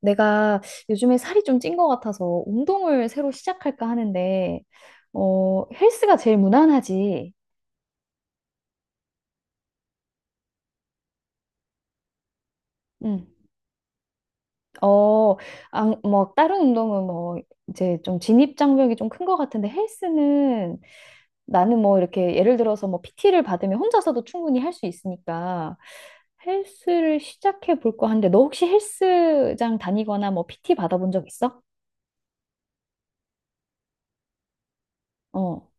내가 요즘에 살이 좀 찐 것 같아서 운동을 새로 시작할까 하는데, 헬스가 제일 무난하지. 응. 어, 안, 뭐, 다른 운동은 뭐, 이제 좀 진입장벽이 좀 큰 것 같은데 헬스는 나는 뭐 이렇게 예를 들어서 뭐 PT를 받으면 혼자서도 충분히 할 수 있으니까 헬스를 시작해 볼까 하는데 너 혹시 헬스장 다니거나 뭐 PT 받아본 적 있어? 어,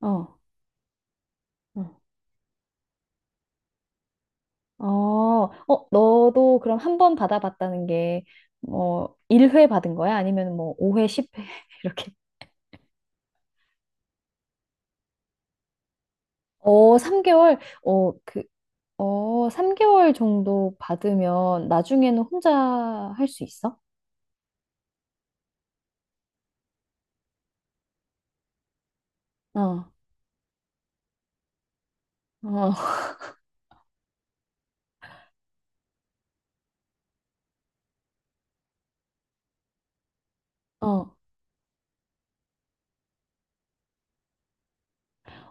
어. 어. 어, 어, 너도 그럼 한 번 받아봤다는 게, 뭐, 1회 받은 거야? 아니면 뭐, 5회, 10회? 이렇게. 어, 3개월? 어, 그, 어, 3개월 정도 받으면 나중에는 혼자 할 수 있어? 어, 어, 어.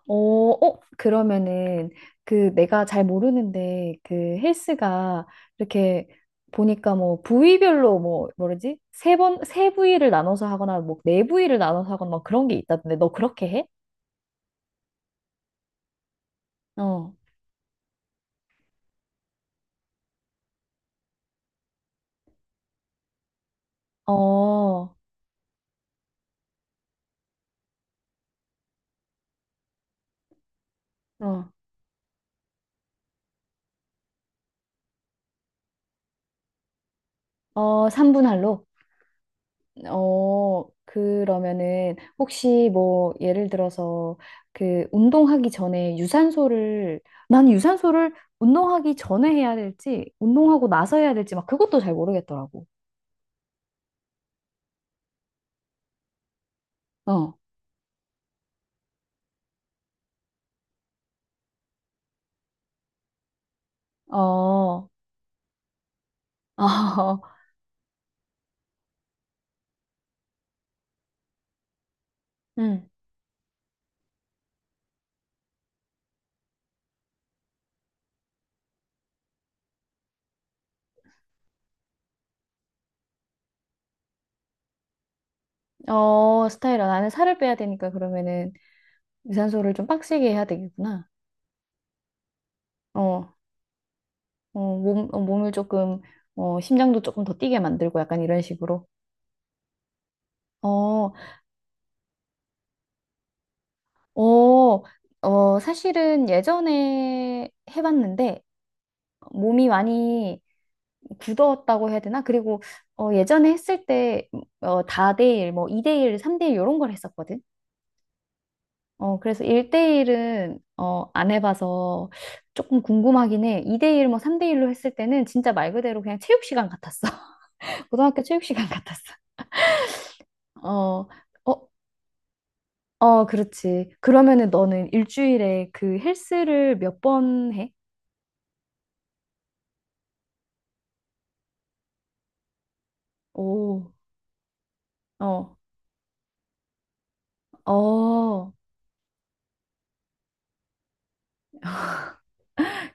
어, 어, 그러면은 그 내가 잘 모르는데 그 헬스가 이렇게 보니까 뭐 부위별로 뭐 뭐라지? 세 번, 세 부위를 나눠서 하거나 뭐 네 부위를 나눠서 하거나 막 그런 게 있다던데 너 그렇게 해? 어, 어, 어, 어, 3분 할로? 어, 그러면은 혹시 뭐 예를 들어서 그 운동하기 전에 유산소를 난 유산소를 운동하기 전에 해야 될지 운동하고 나서 해야 될지 막 그것도 잘 모르겠더라고. 어. 어. 어. 음. 어, 스타일러 나는 살을 빼야 되니까 그러면은 유산소를 좀 빡세게 해야 되겠구나. 어. 어, 몸, 어, 몸을 조금 어, 심장도 조금 더 뛰게 만들고 약간 이런 식으로. 어, 어, 어, 사실은 예전에 해봤는데 몸이 많이 굳었다고 해야 되나? 그리고 어, 예전에 했을 때 뭐, 어, 다대일, 뭐 2대1, 3대1 이런 걸 했었거든. 어, 그래서 1대1은 어, 안 해봐서 조금 궁금하긴 해. 2대1, 뭐 3대1로 했을 때는 진짜 말 그대로 그냥 체육 시간 같았어. 고등학교 체육 시간 같았어. 어, 어, 어, 그렇지. 그러면은 너는 일주일에 그 헬스를 몇 번 해? 오. 어. 어,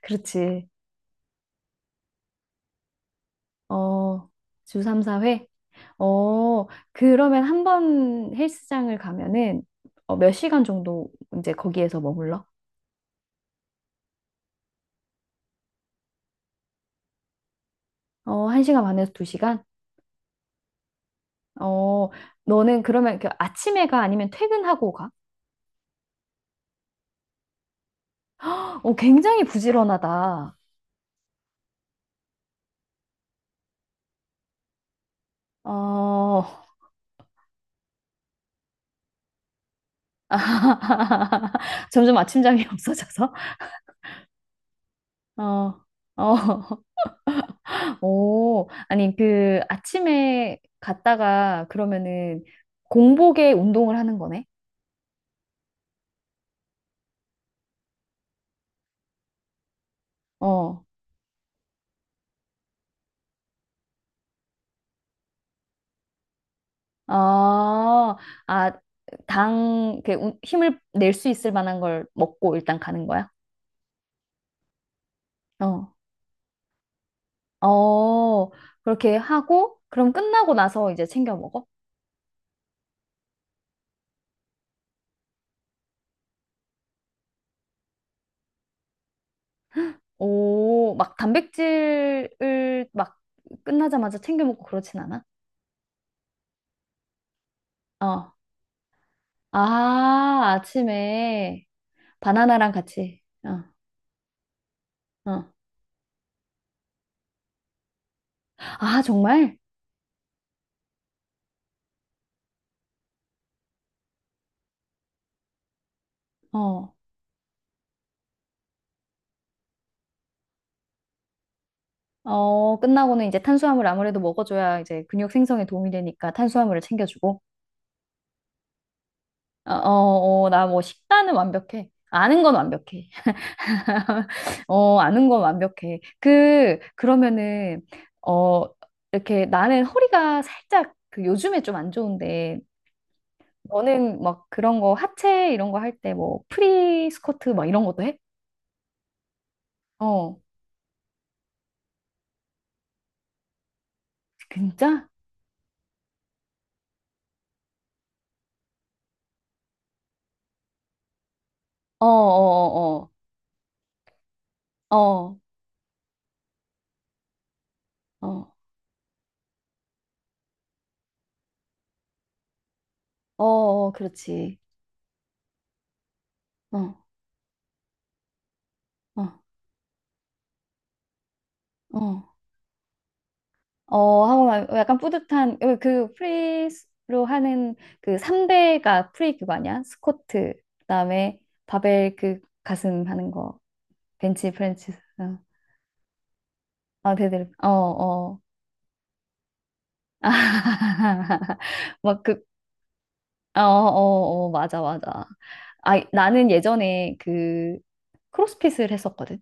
그렇지. 어, 주 3, 4회? 어, 그러면 한번 헬스장을 가면은 어, 몇 시간 정도 이제 거기에서 머물러? 어, 1시간 반에서 2시간? 어, 너는 그러면 그 아침에 가 아니면 퇴근하고 가? 어, 굉장히 부지런하다. 어, 점점 아침잠이 없어져서? 어, 어, 오, 아니, 그, 아침에 갔다가 그러면은 공복에 운동을 하는 거네? 어. 아, 아, 당, 그, 운- 힘을 낼 수 있을 만한 걸 먹고 일단 가는 거야? 어. 어, 그렇게 하고, 그럼 끝나고 나서 이제 챙겨 먹어? 오, 막 단백질을 막 끝나자마자 챙겨 먹고 그렇진 않아? 어. 아, 아침에 바나나랑 같이. 어. 어. 아, 정말? 어. 어, 끝나고는 이제 탄수화물 아무래도 먹어줘야 이제 근육 생성에 도움이 되니까 탄수화물을 챙겨주고. 어, 어, 어, 나 뭐 식단은 완벽해. 아는 건 완벽해. 어, 아는 건 완벽해. 그, 그러면은, 어, 이렇게 나는 허리가 살짝 그 요즘에 좀 안 좋은데, 너는 막 그런 거 하체 이런 거 할 때 뭐 프리 스쿼트 막 이런 것도 해? 어, 진짜? 어, 어, 어, 어, 어, 어, 어, 어, 그렇지. 어. 어, 어, 어, 하고 약간 뿌듯한, 그, 그 프리로 하는 그 3대가 프리 그거 아니야? 스쿼트, 그다음에 바벨 그 가슴 하는 거, 벤치 프렌치, 어, 아, 데드리프, 어, 어, 아, 막 그, 어, 어, 어, 맞아, 맞아. 아, 나는 예전에 그 크로스핏을 했었거든.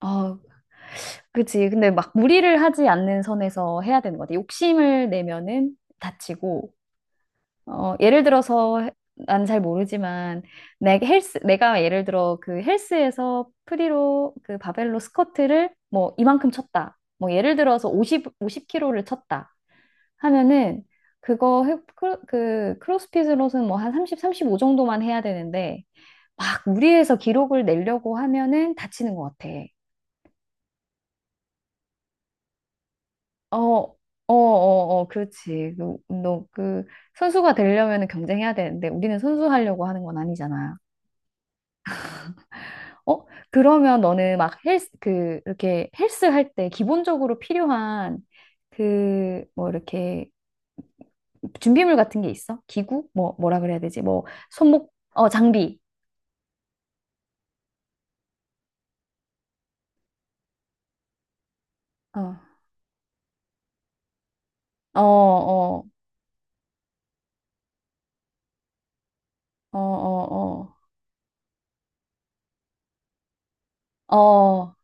아, 그치. 근데 막 무리를 하지 않는 선에서 해야 되는 것 같아. 욕심을 내면은 다치고, 어, 예를 들어서 난 잘 모르지만 내 헬스 내가 예를 들어 그 헬스에서 프리로 그 바벨로 스쿼트를 뭐 이만큼 쳤다. 뭐 예를 들어서 50 50kg를 쳤다. 하면은 그거 해- 크로- 그 크로스핏으로는 뭐 한 30, 35 정도만 해야 되는데 막 무리해서 기록을 내려고 하면은 다치는 것 같아. 어, 어, 어, 어, 그렇지. 너, 그 운동, 그 선수가 되려면 은 경쟁해야 되는데 우리는 선수 하려고 하는 건 아니잖아. 어? 그러면 너는 막 헬스, 그, 이렇게 헬스 할 때 기본적으로 필요한 그, 뭐, 이렇게 준비물 같은 게 있어? 기구? 뭐, 뭐라 그래야 되지? 뭐, 손목, 어, 장비. 어, 어, 어, 어, 어, 어, 어,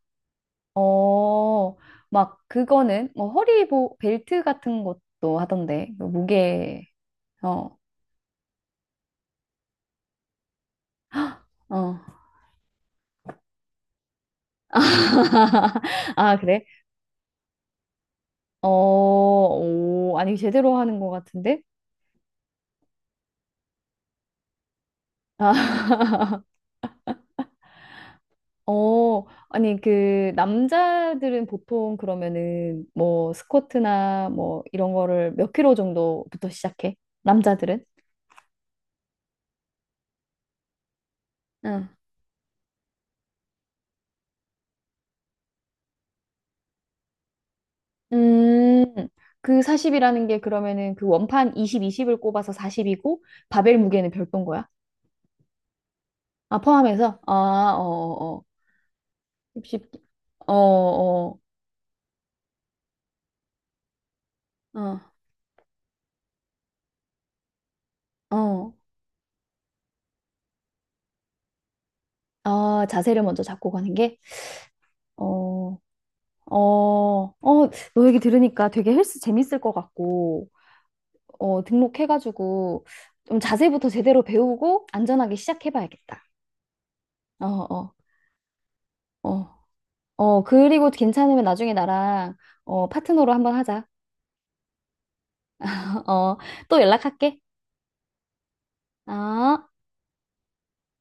어, 막, 그거는, 뭐, 허리 보, 벨트 같은 것도 하던데, 그 무게, 어, 어. 아, 그래? 어, 오, 아니, 제대로 하는 것 같은데? 아, 어, 아니, 그, 남자들은 보통 그러면은 뭐 스쿼트나 뭐 이런 거를 몇 킬로 정도부터 시작해? 남자들은? 응. 음, 그 40이라는 게 그러면은 그 원판 20, 20을 꼽아서 40이고 바벨 무게는 별도인 거야? 아, 포함해서? 아, 어, 어, 어. 60, 어, 어, 어, 어. 아, 자세를 먼저 잡고 가는 게? 어, 어, 어, 너 얘기 들으니까 되게 헬스 재밌을 것 같고. 어, 등록해가지고 좀 자세부터 제대로 배우고 안전하게 시작해봐야겠다. 어, 어, 어. 어, 그리고 괜찮으면 나중에 나랑 어, 파트너로 한번 하자. 어, 또 연락할게. 어.